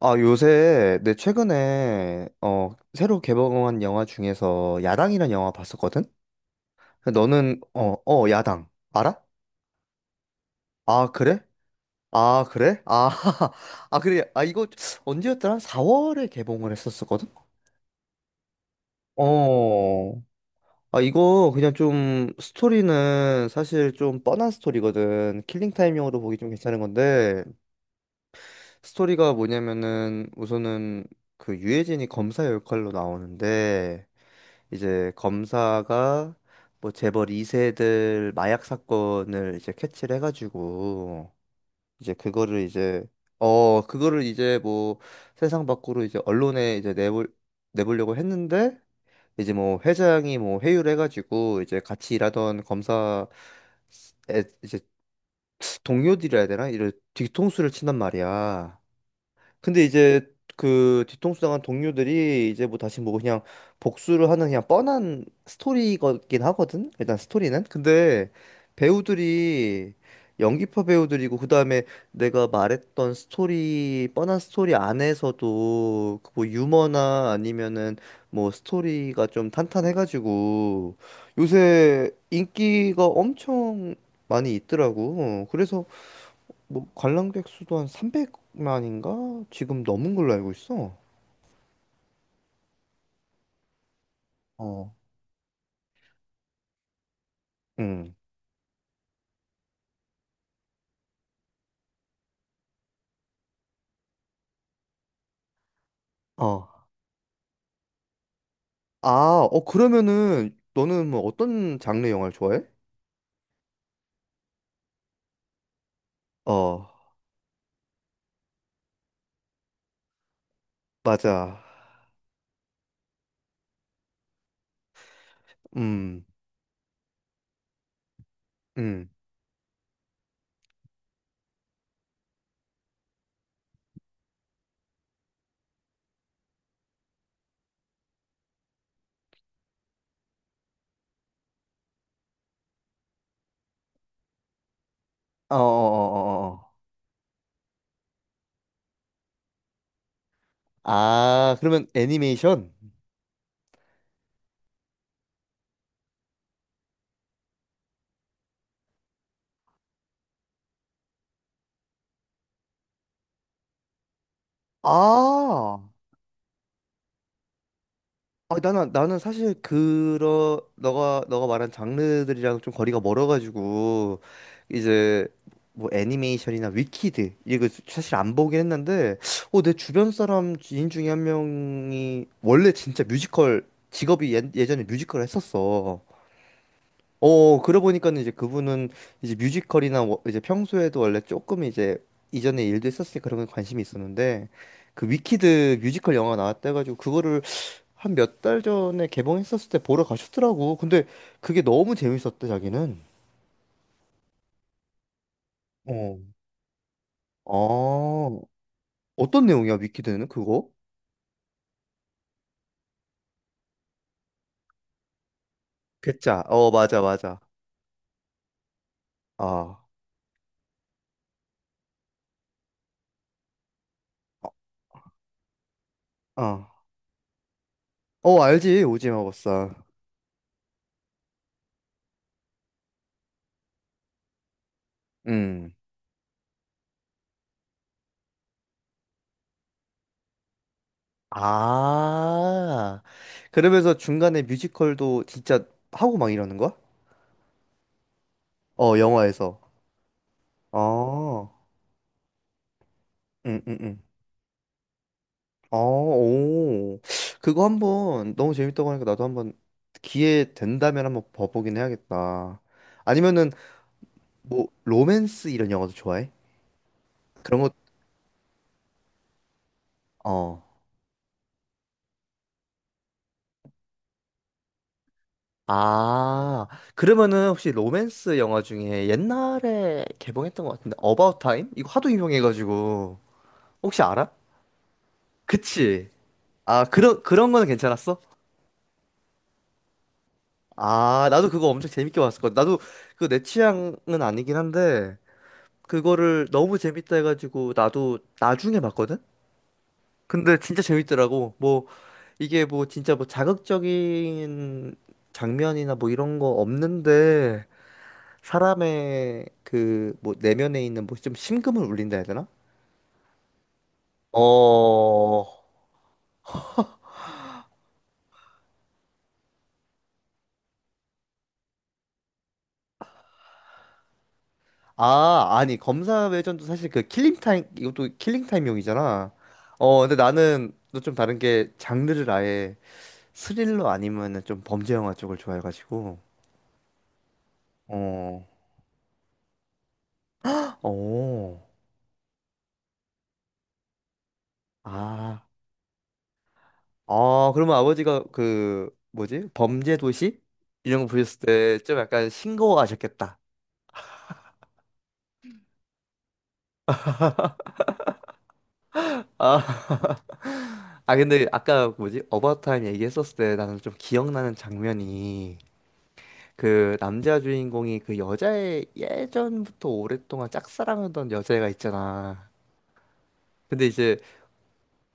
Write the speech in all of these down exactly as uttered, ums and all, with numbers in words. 아, 요새, 내 최근에, 어, 새로 개봉한 영화 중에서 야당이란 영화 봤었거든? 너는, 어, 어, 야당. 알아? 아, 그래? 아, 그래? 아, 아, 그래. 아, 이거 언제였더라? 한 사 월에 개봉을 했었었거든? 어. 아, 이거 그냥 좀 스토리는 사실 좀 뻔한 스토리거든. 킬링타임용으로 보기 좀 괜찮은 건데, 스토리가 뭐냐면은 우선은 그 유해진이 검사 역할로 나오는데, 이제 검사가 뭐 재벌 이 세들 마약 사건을 이제 캐치를 해가지고 이제 그거를 이제 어 그거를 이제 뭐 세상 밖으로 이제 언론에 이제 내볼 내보려고 했는데 이제 뭐 회장이 뭐 회유를 해가지고 이제 같이 일하던 검사 에 이제 동료들이라 해야 되나 이런 뒤통수를 친단 말이야. 근데 이제 그 뒤통수 당한 동료들이 이제 뭐 다시 뭐 그냥 복수를 하는 그냥 뻔한 스토리이긴 하거든. 일단 스토리는. 근데 배우들이 연기파 배우들이고, 그다음에 내가 말했던 스토리 뻔한 스토리 안에서도 그뭐 유머나 아니면은 뭐 스토리가 좀 탄탄해가지고 요새 인기가 엄청 많이 있더라고. 어, 그래서 뭐 관람객 수도 한 삼백만인가? 지금 넘은 걸로 알고 있어. 어. 응. 어. 아, 어 그러면은 너는 뭐 어떤 장르 영화를 좋아해? 어, 맞아. 음. 음. 어어어어어. 아, 그러면 애니메이션? 아. 아, 나는 나는 사실 그러 너가 너가 말한 장르들이랑 좀 거리가 멀어가지고 이제 뭐 애니메이션이나 위키드 이거 사실 안 보긴 했는데 어 내 주변 사람 지인 중에 한 명이 원래 진짜 뮤지컬 직업이 예, 예전에 뮤지컬을 했었어. 어 그러고 보니까는 이제 그분은 이제 뮤지컬이나 워- 이제 평소에도 원래 조금 이제 이전에 일도 했었으니까 그런 거에 관심이 있었는데, 그 위키드 뮤지컬 영화 나왔다 해가지고 그거를 한 몇 달 전에 개봉했었을 때 보러 가셨더라고. 근데 그게 너무 재밌었대, 자기는. 어, 어, 어떤 내용이야, 위키드는 그거? 괴짜. 어, 맞아, 맞아. 아, 어. 어, 어, 알지, 오징어 버사. 음. 아, 그러면서 중간에 뮤지컬도 진짜 하고 막 이러는 거야? 어, 영화에서. 어, 응, 응, 응. 아, 오. 그거 한번 너무 재밌다고 하니까 나도 한번 기회 된다면 한번 봐보긴 해야겠다. 아니면은 뭐 로맨스 이런 영화도 좋아해? 그런 거. 어. 아, 그러면은 혹시 로맨스 영화 중에 옛날에 개봉했던 것 같은데 어바웃 타임? 이거 하도 유명해가지고 혹시 알아? 그치? 아, 그런 그런 거는 괜찮았어? 아, 나도 그거 엄청 재밌게 봤었거든. 나도 그 내 취향은 아니긴 한데 그거를 너무 재밌다 해가지고 나도 나중에 봤거든? 근데 진짜 재밌더라고. 뭐 이게 뭐 진짜 뭐 자극적인 장면이나 뭐 이런 거 없는데 사람의 그 뭐 내면에 있는 뭐 좀 심금을 울린다 해야 되나? 어. 아, 아니 검사 외전도 사실 그 킬링 타임, 이것도 킬링 타임용이잖아. 어, 근데 나는 또 좀 다른 게, 장르를 아예 스릴러 아니면은 좀 범죄 영화 쪽을 좋아해가지고. 어. 어. 아, 아, 그러면 아버지가 그 뭐지? 범죄 도시 이런 거 보셨을 때 좀 약간 싱거워하셨겠다. 아, 아 근데 아까 뭐지? 어바웃 타임 얘기했었을 때 나는 좀 기억나는 장면이, 그 남자 주인공이 그 여자의 예전부터 오랫동안 짝사랑하던 여자애가 있잖아. 근데 이제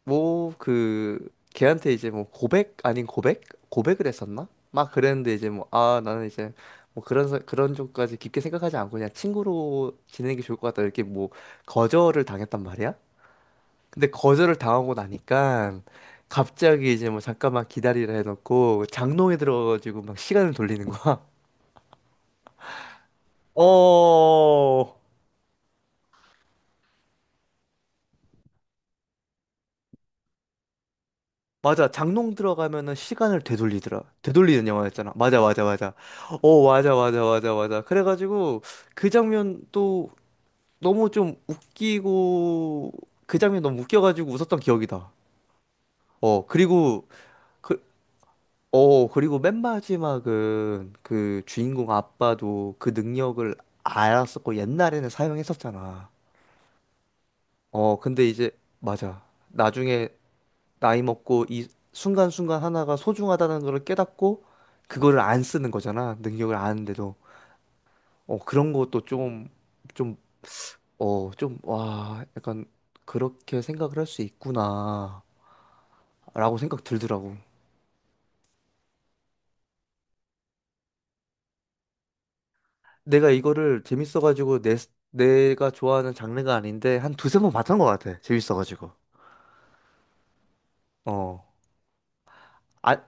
뭐 그 걔한테 이제 뭐 고백 아닌 고백 고백을 했었나? 막 그랬는데 이제 뭐 아 나는 이제 뭐 그런 사- 그런 쪽까지 깊게 생각하지 않고 그냥 친구로 지내는 게 좋을 것 같다 이렇게 뭐 거절을 당했단 말이야. 근데 거절을 당하고 나니까 갑자기 이제 뭐 잠깐만 기다리라 해놓고 장롱에 들어가지고 막 시간을 돌리는 거야. 어, 맞아. 장롱 들어가면은 시간을 되돌리더라. 되돌리는 영화였잖아. 맞아, 맞아, 맞아. 어, 맞아, 맞아, 맞아, 맞아. 그래가지고 그 장면도 너무 좀 웃기고, 그 장면 너무 웃겨가지고 웃었던 기억이다. 어, 그리고 그, 어, 그리고 맨 마지막은 그 주인공 아빠도 그 능력을 알았었고 옛날에는 사용했었잖아. 어, 근데 이제 맞아. 나중에 나이 먹고 이 순간순간 하나가 소중하다는 걸 깨닫고 그거를 안 쓰는 거잖아. 능력을 아는데도. 어, 그런 것도 좀, 좀, 어, 좀, 와, 약간 그렇게 생각을 할 수 있구나. 라고 생각 들더라고. 내가 이거를 재밌어가지고 내, 내가 좋아하는 장르가 아닌데 한 두세 번 봤던 것 같아. 재밌어가지고. 어. 아,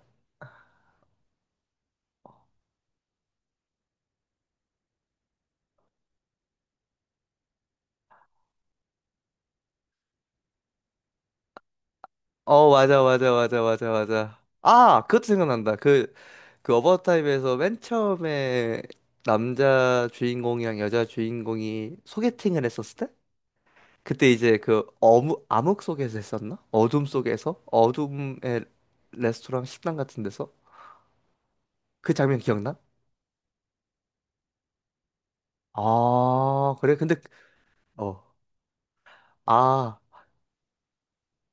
어, 맞아, 맞아, 맞아, 맞아, 맞아. 아, 그것도 생각난다. 그, 그 어바웃 타임에서 맨 처음에 남자 주인공이랑 여자 주인공이 소개팅을 했었을 때? 그때 이제 그 어무, 암흑 속에서 했었나? 어둠 속에서? 어둠의 레스토랑 식당 같은 데서? 그 장면 기억나? 아, 그래? 근데, 어, 아,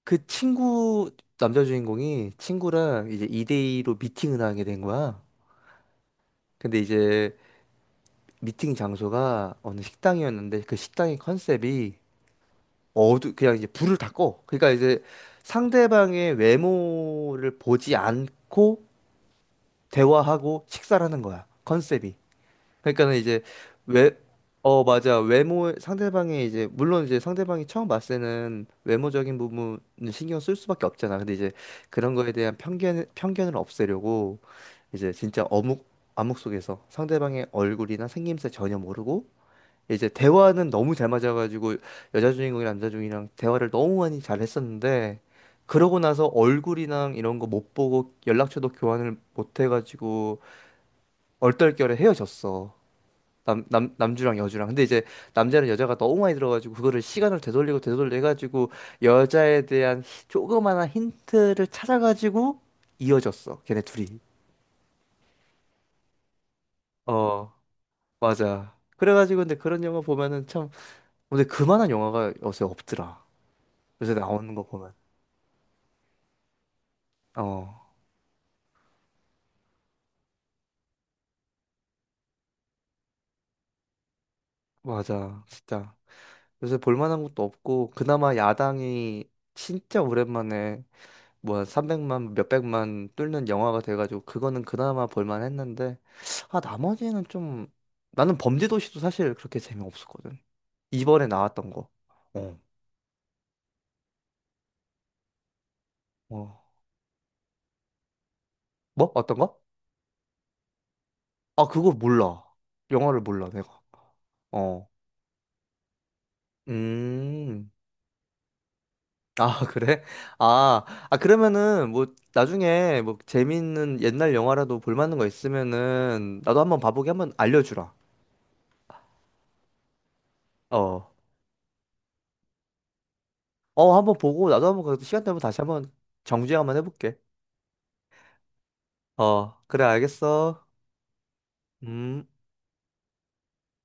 그 친구, 남자 주인공이 친구랑 이제 이 대이로 미팅을 하게 된 거야. 근데 이제 미팅 장소가 어느 식당이었는데 그 식당의 컨셉이 어두 그냥 이제 불을 다 꺼. 그러니까 이제 상대방의 외모를 보지 않고 대화하고 식사를 하는 거야. 컨셉이. 그러니까는 이제 외 어, 맞아. 외모, 상대방의 이제, 물론 이제 상대방이 처음 봤을 때는 외모적인 부분을 신경 쓸 수밖에 없잖아. 근데 이제 그런 거에 대한 편견, 편견을 없애려고 이제 진짜 어묵, 암묵 속에서 상대방의 얼굴이나 생김새 전혀 모르고 이제 대화는 너무 잘 맞아가지고 여자 주인공이 남자 주인공이랑 대화를 너무 많이 잘 했었는데 그러고 나서 얼굴이랑 이런 거 못 보고 연락처도 교환을 못 해가지고 얼떨결에 헤어졌어. 남, 남, 남주랑 여주랑. 근데 이제 남자는 여자가 너무 많이 들어가지고 그거를 시간을 되돌리고 되돌려 해가지고 여자에 대한 히- 조그마한 힌트를 찾아가지고 이어졌어. 걔네 둘이. 어, 맞아. 그래가지고 근데 그런 영화 보면은 참 근데 그만한 영화가 요새 없더라. 요새 나오는 거 보면. 어, 맞아. 진짜. 요새 볼만한 것도 없고, 그나마 야당이 진짜 오랜만에 뭐 삼백만, 몇백만 뚫는 영화가 돼가지고, 그거는 그나마 볼만했는데, 아, 나머지는 좀, 나는 범죄도시도 사실 그렇게 재미없었거든. 이번에 나왔던 거. 어, 어. 뭐? 어떤 거? 아, 그거 몰라. 영화를 몰라, 내가. 어. 음. 아, 그래? 아, 아, 그러면은, 뭐, 나중에, 뭐, 재밌는 옛날 영화라도 볼 만한 거 있으면은, 나도 한번 봐보게 한번 알려주라. 어. 어, 한번 보고, 나도 한번, 그 시간 되면 다시 한번 정주행 한번 해볼게. 어, 그래, 알겠어. 음.